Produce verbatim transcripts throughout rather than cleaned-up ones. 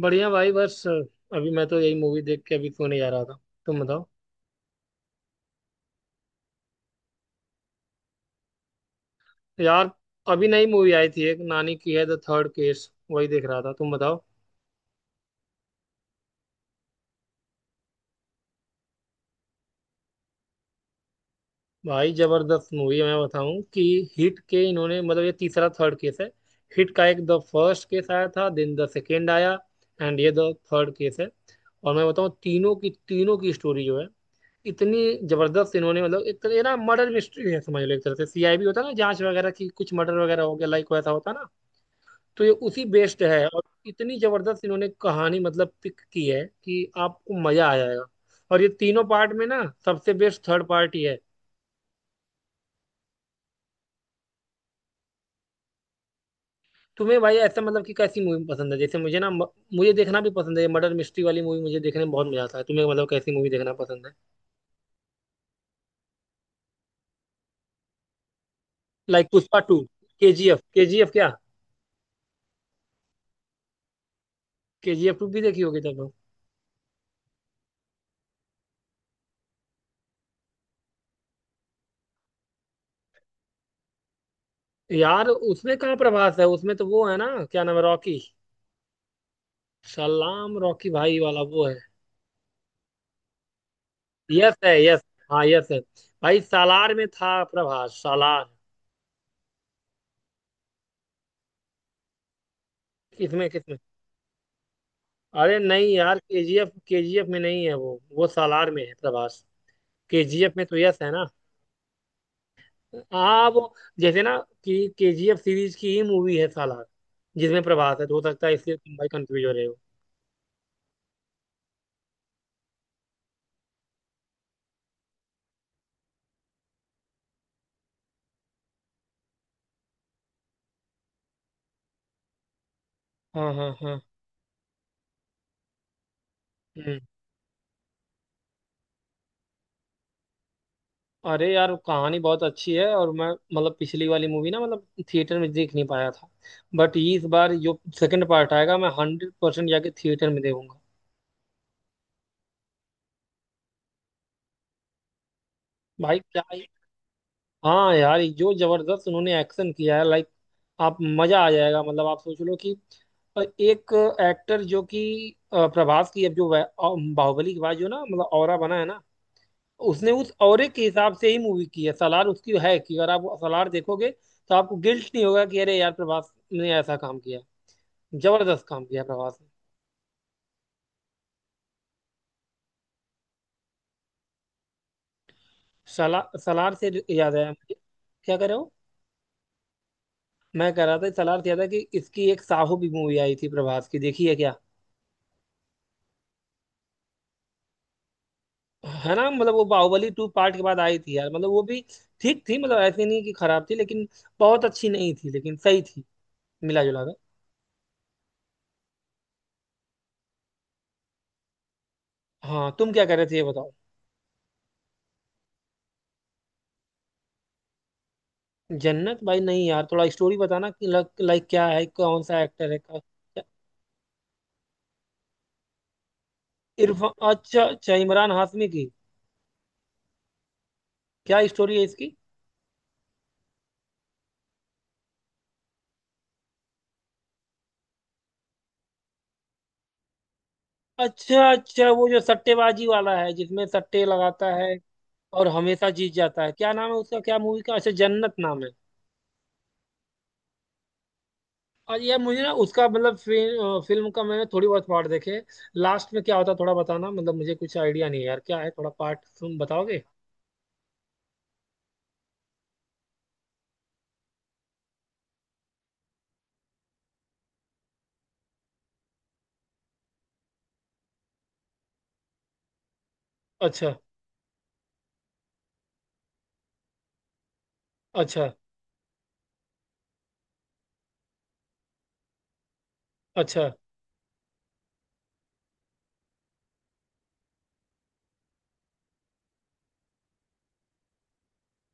बढ़िया भाई। बस अभी मैं तो यही मूवी देख के अभी सोने जा रहा था। तुम बताओ। यार अभी नई मूवी आई थी एक नानी की है, द थर्ड केस, वही देख रहा था। तुम बताओ। भाई जबरदस्त मूवी है। मैं बताऊं कि हिट के इन्होंने मतलब ये तीसरा थर्ड केस है। हिट का एक द फर्स्ट केस आया था, देन द सेकेंड आया, एंड ये द थर्ड केस है। और मैं बताऊं, तीनों की तीनों की स्टोरी जो है इतनी जबरदस्त इन्होंने मतलब, एक तरह ये ना मर्डर मिस्ट्री है समझ लो। एक तरह से सीआईबी होता है ना, जांच वगैरह की, कुछ मर्डर वगैरह हो गया, लाइक वैसा होता है ना। तो ये उसी बेस्ड है। और इतनी जबरदस्त इन्होंने कहानी मतलब पिक की है कि आपको मजा आ जाएगा। और ये तीनों पार्ट में ना सबसे बेस्ट थर्ड पार्ट ही है। तुम्हें भाई ऐसा मतलब कि कैसी मूवी पसंद है? जैसे मुझे ना म- मुझे देखना भी पसंद है मर्डर मिस्ट्री वाली मूवी। मुझे देखने में बहुत मजा आता है। तुम्हें मतलब कैसी मूवी देखना पसंद है? Like Pushpa two, K G F. K G F क्या, के जी एफ टू भी देखी होगी तब तो। यार उसमें कहाँ प्रभास है? उसमें तो वो है ना, क्या नाम है, रॉकी, सलाम रॉकी भाई वाला वो है। यस है, यस। हाँ यस है। भाई सालार में था प्रभास, सालार। किसमें किसमें? अरे नहीं यार, केजीएफ, केजीएफ में नहीं है वो वो सालार में है प्रभास। केजीएफ में तो यस है ना। हाँ वो, जैसे ना, कि केजीएफ सीरीज की ही मूवी है सालार, जिसमें प्रभास है, तो हो सकता है इसलिए तुम भाई कंफ्यूज हो रहे हो। हाँ, हाँ, हाँ। हम्म। अरे यार कहानी बहुत अच्छी है और मैं मतलब पिछली वाली मूवी ना मतलब थिएटर में देख नहीं पाया था, बट इस बार जो सेकंड पार्ट आएगा मैं हंड्रेड परसेंट जाके थिएटर में देखूंगा। भाई क्या ही- हाँ यार ये जो जबरदस्त उन्होंने एक्शन किया है, लाइक आप मजा आ जाएगा। मतलब आप सोच लो कि एक एक्टर जो कि अ, प्रभास की अब जो वै- अ, बाहुबली के बाद जो ना मतलब ऑरा बना है ना, उसने उस ऑरे के हिसाब से ही मूवी की है। सालार उसकी है कि अगर आप सालार देखोगे तो आपको गिल्ट नहीं होगा कि अरे यार प्रभास ने ऐसा काम किया। जबरदस्त काम किया प्रभास ने। सला, सालार से याद आया मुझे। क्या कह रहे हो? मैं कह रहा था सालार से याद है कि इसकी एक साहू भी मूवी आई थी प्रभास की, देखी है क्या? है ना, मतलब वो बाहुबली टू पार्ट के बाद आई थी यार, मतलब वो भी ठीक थी। मतलब ऐसी नहीं कि खराब थी, लेकिन बहुत अच्छी नहीं थी, लेकिन सही थी, मिला जुला कर। हाँ तुम क्या कह रहे थे ये बताओ। जन्नत, भाई नहीं यार थोड़ा स्टोरी बताना कि लाइक क्या है, कौन सा एक्टर है क्या। इरफान, अच्छा अच्छा, इमरान हाशमी की। क्या स्टोरी है इसकी? अच्छा अच्छा, वो जो सट्टेबाजी वाला है जिसमें सट्टे लगाता है और हमेशा जीत जाता है। क्या नाम है उसका, क्या मूवी का? अच्छा, जन्नत नाम है। और यार मुझे ना उसका मतलब फिल्म फिल्म का मैंने थोड़ी बहुत पार्ट देखे। लास्ट में क्या होता है थोड़ा बताना, मतलब मुझे कुछ आइडिया नहीं है यार क्या है, थोड़ा पार्ट तुम बताओगे। अच्छा, अच्छा, अच्छा,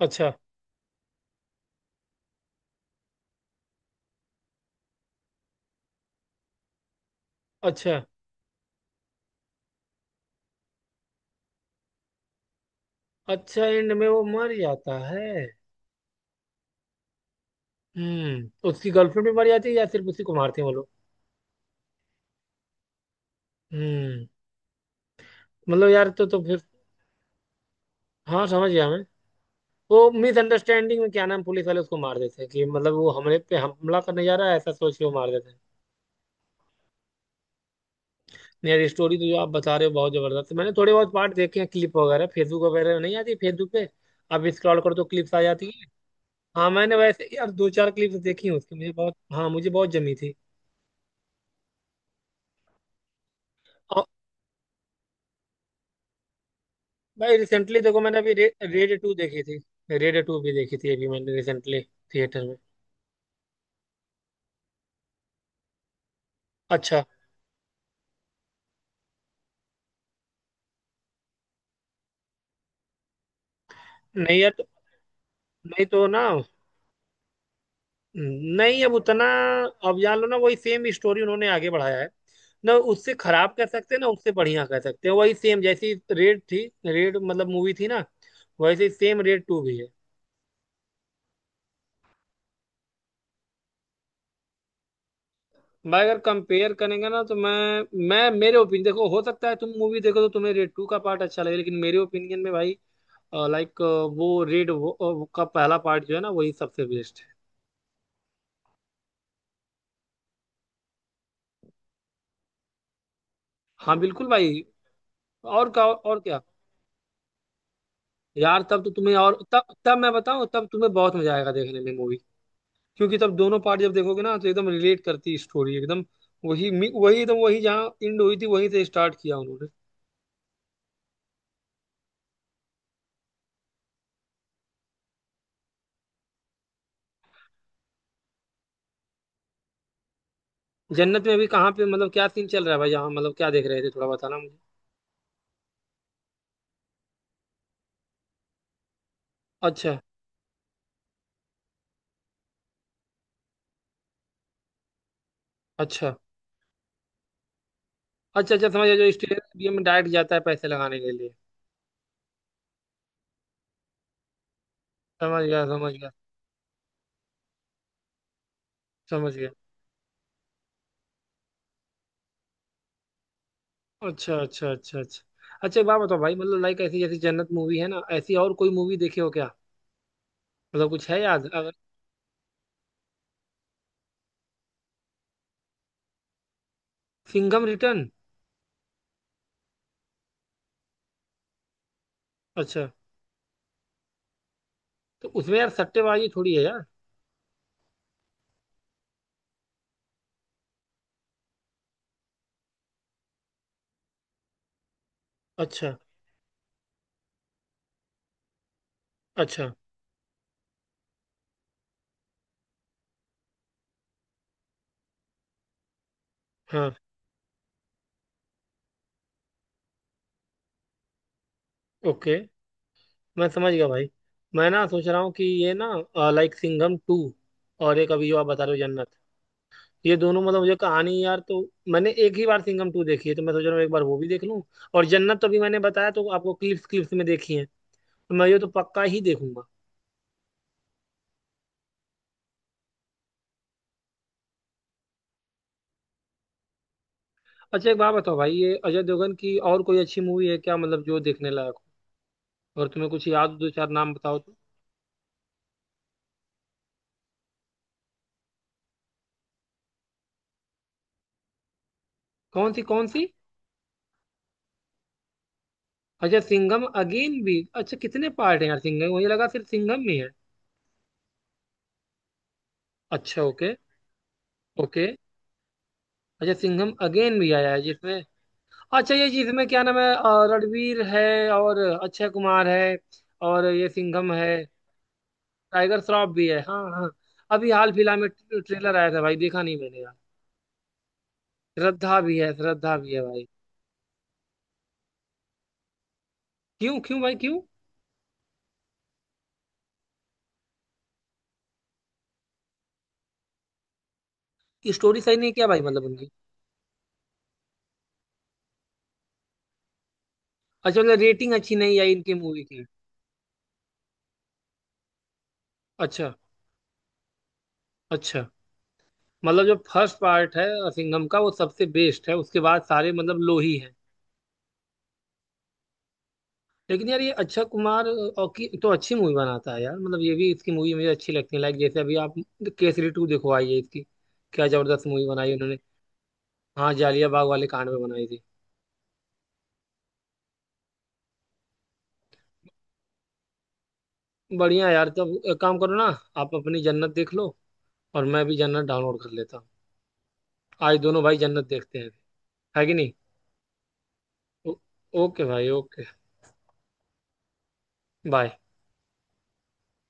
अच्छा। अच्छा, अच्छा, एंड में वो मर जाता है। हम्म। उसकी गर्लफ्रेंड भी मर जाती है या सिर्फ उसी को मारते हैं वो लोग? हम्म। मतलब यार तो तो फिर, हाँ समझ गया मैं। वो मिसअंडरस्टैंडिंग में क्या नाम, पुलिस वाले उसको मार देते हैं कि मतलब वो हमले पे हमला करने जा रहा है, ऐसा सोच के वो मार देते हैं। नहीं यार ये स्टोरी तो जो आप बता रहे हो बहुत जबरदस्त है। मैंने थोड़े बहुत पार्ट देखे हैं क्लिप वगैरह, फेसबुक वगैरह नहीं आती फेसबुक पे, आप स्क्रॉल करो तो क्लिप्स आ जाती है। हाँ मैंने वैसे यार दो चार क्लिप्स देखी हैं उसकी, मुझे बहुत, हाँ मुझे बहुत जमी थी। और भाई रिसेंटली देखो मैंने अभी रे, रेड टू देखी थी। रेड टू भी देखी थी अभी मैंने रिसेंटली, थिएटर में। अच्छा। नहीं यार तो, नहीं तो ना नहीं अब उतना अब जान लो ना वही सेम स्टोरी उन्होंने आगे बढ़ाया है। ना उससे खराब कह सकते हैं ना उससे बढ़िया कह सकते हैं, वही सेम जैसी रेड थी। रेड मतलब मूवी थी ना, वैसे सेम रेड टू भी है। भाई अगर कंपेयर करेंगे ना, तो मैं मैं मेरे ओपिनियन देखो, हो सकता है तुम मूवी देखो तो तुम्हें रेड टू का पार्ट अच्छा लगे, लेकिन मेरे ओपिनियन में भाई, लाइक वो रेड वो, वो का पहला पार्ट जो है ना वही सबसे बेस्ट है। हाँ बिल्कुल भाई। और क्या और क्या यार तब तो तुम्हें, और तब तब मैं बताऊं तब तुम्हें बहुत मजा आएगा देखने में मूवी। क्योंकि तब दोनों पार्ट जब देखोगे ना तो एकदम रिलेट करती है स्टोरी, एकदम वही मी- वही एकदम वही जहाँ एंड हुई थी वहीं से स्टार्ट किया उन्होंने। जन्नत में भी कहाँ पे मतलब क्या सीन चल रहा है भाई यहाँ, मतलब क्या देख रहे थे थोड़ा बताना मुझे। अच्छा, अच्छा, अच्छा, अच्छा समझ गया, जो स्टेडियम में डायरेक्ट जाता है पैसे लगाने के लिए। समझ गया, समझ गया, समझ गया। अच्छा, अच्छा, अच्छा, अच्छा। अच्छा एक बात बताओ भाई, मतलब लाइक ऐसी जैसी जन्नत मूवी है ना ऐसी और कोई मूवी देखे हो क्या, मतलब कुछ है याद अगर। सिंघम रिटर्न, अच्छा। तो उसमें यार सट्टेबाजी थोड़ी है यार। अच्छा। अच्छा। हाँ, ओके, मैं समझ गया भाई। मैं ना सोच रहा हूँ कि ये ना, लाइक सिंघम टू, और एक अभी जो आप बता रहे हो जन्नत, ये दोनों मतलब मुझे कहानी यार तो। मैंने एक ही बार सिंघम टू देखी है तो मैं सोच रहा हूँ एक बार वो भी देख लूँ। और जन्नत तो अभी मैंने बताया तो आपको, क्लिप्स, क्लिप्स में देखी है, तो मैं ये तो पक्का ही देखूंगा। अच्छा एक बात बताओ भाई, ये अजय देवगन की और कोई अच्छी मूवी है क्या, मतलब जो देखने लायक हो और तुम्हें कुछ याद हो, दो चार नाम बताओ तो। कौन सी कौन सी? अच्छा सिंघम अगेन भी, अच्छा कितने पार्ट है यार सिंघम, मुझे लगा सिर्फ सिंघम में है। अच्छा, ओके। ओके। अच्छा सिंघम अगेन भी आया है जिसमें, अच्छा ये जिसमें क्या नाम है, अ, रणवीर है और अक्षय कुमार है और ये सिंघम है। टाइगर श्रॉफ भी है, हाँ हाँ। अभी हाल फिलहाल में ट्रे- ट्रेलर आया था भाई, देखा नहीं मैंने यार। श्रद्धा भी है, श्रद्धा भी है भाई। क्यों क्यों भाई क्यों? स्टोरी सही नहीं है क्या भाई, मतलब उनकी? अच्छा, मतलब रेटिंग अच्छी नहीं आई इनकी मूवी की। अच्छा, अच्छा, मतलब जो फर्स्ट पार्ट है सिंघम का वो सबसे बेस्ट है, उसके बाद सारे मतलब लो ही है। लेकिन यार ये अक्षय कुमार और की तो अच्छी मूवी बनाता है यार। मतलब ये भी इसकी मूवी मुझे अच्छी लगती है, लाइक जैसे अभी आप केसरी टू देखो, आई है इसकी, क्या जबरदस्त मूवी बनाई उन्होंने। हाँ जालियाबाग वाले कांड में बनाई थी। बढ़िया यार, तब एक काम करो ना, आप अपनी जन्नत देख लो और मैं भी जन्नत डाउनलोड कर लेता हूँ। आज दोनों भाई जन्नत देखते हैं, है कि नहीं। ओ- ओके भाई, ओके। बाय।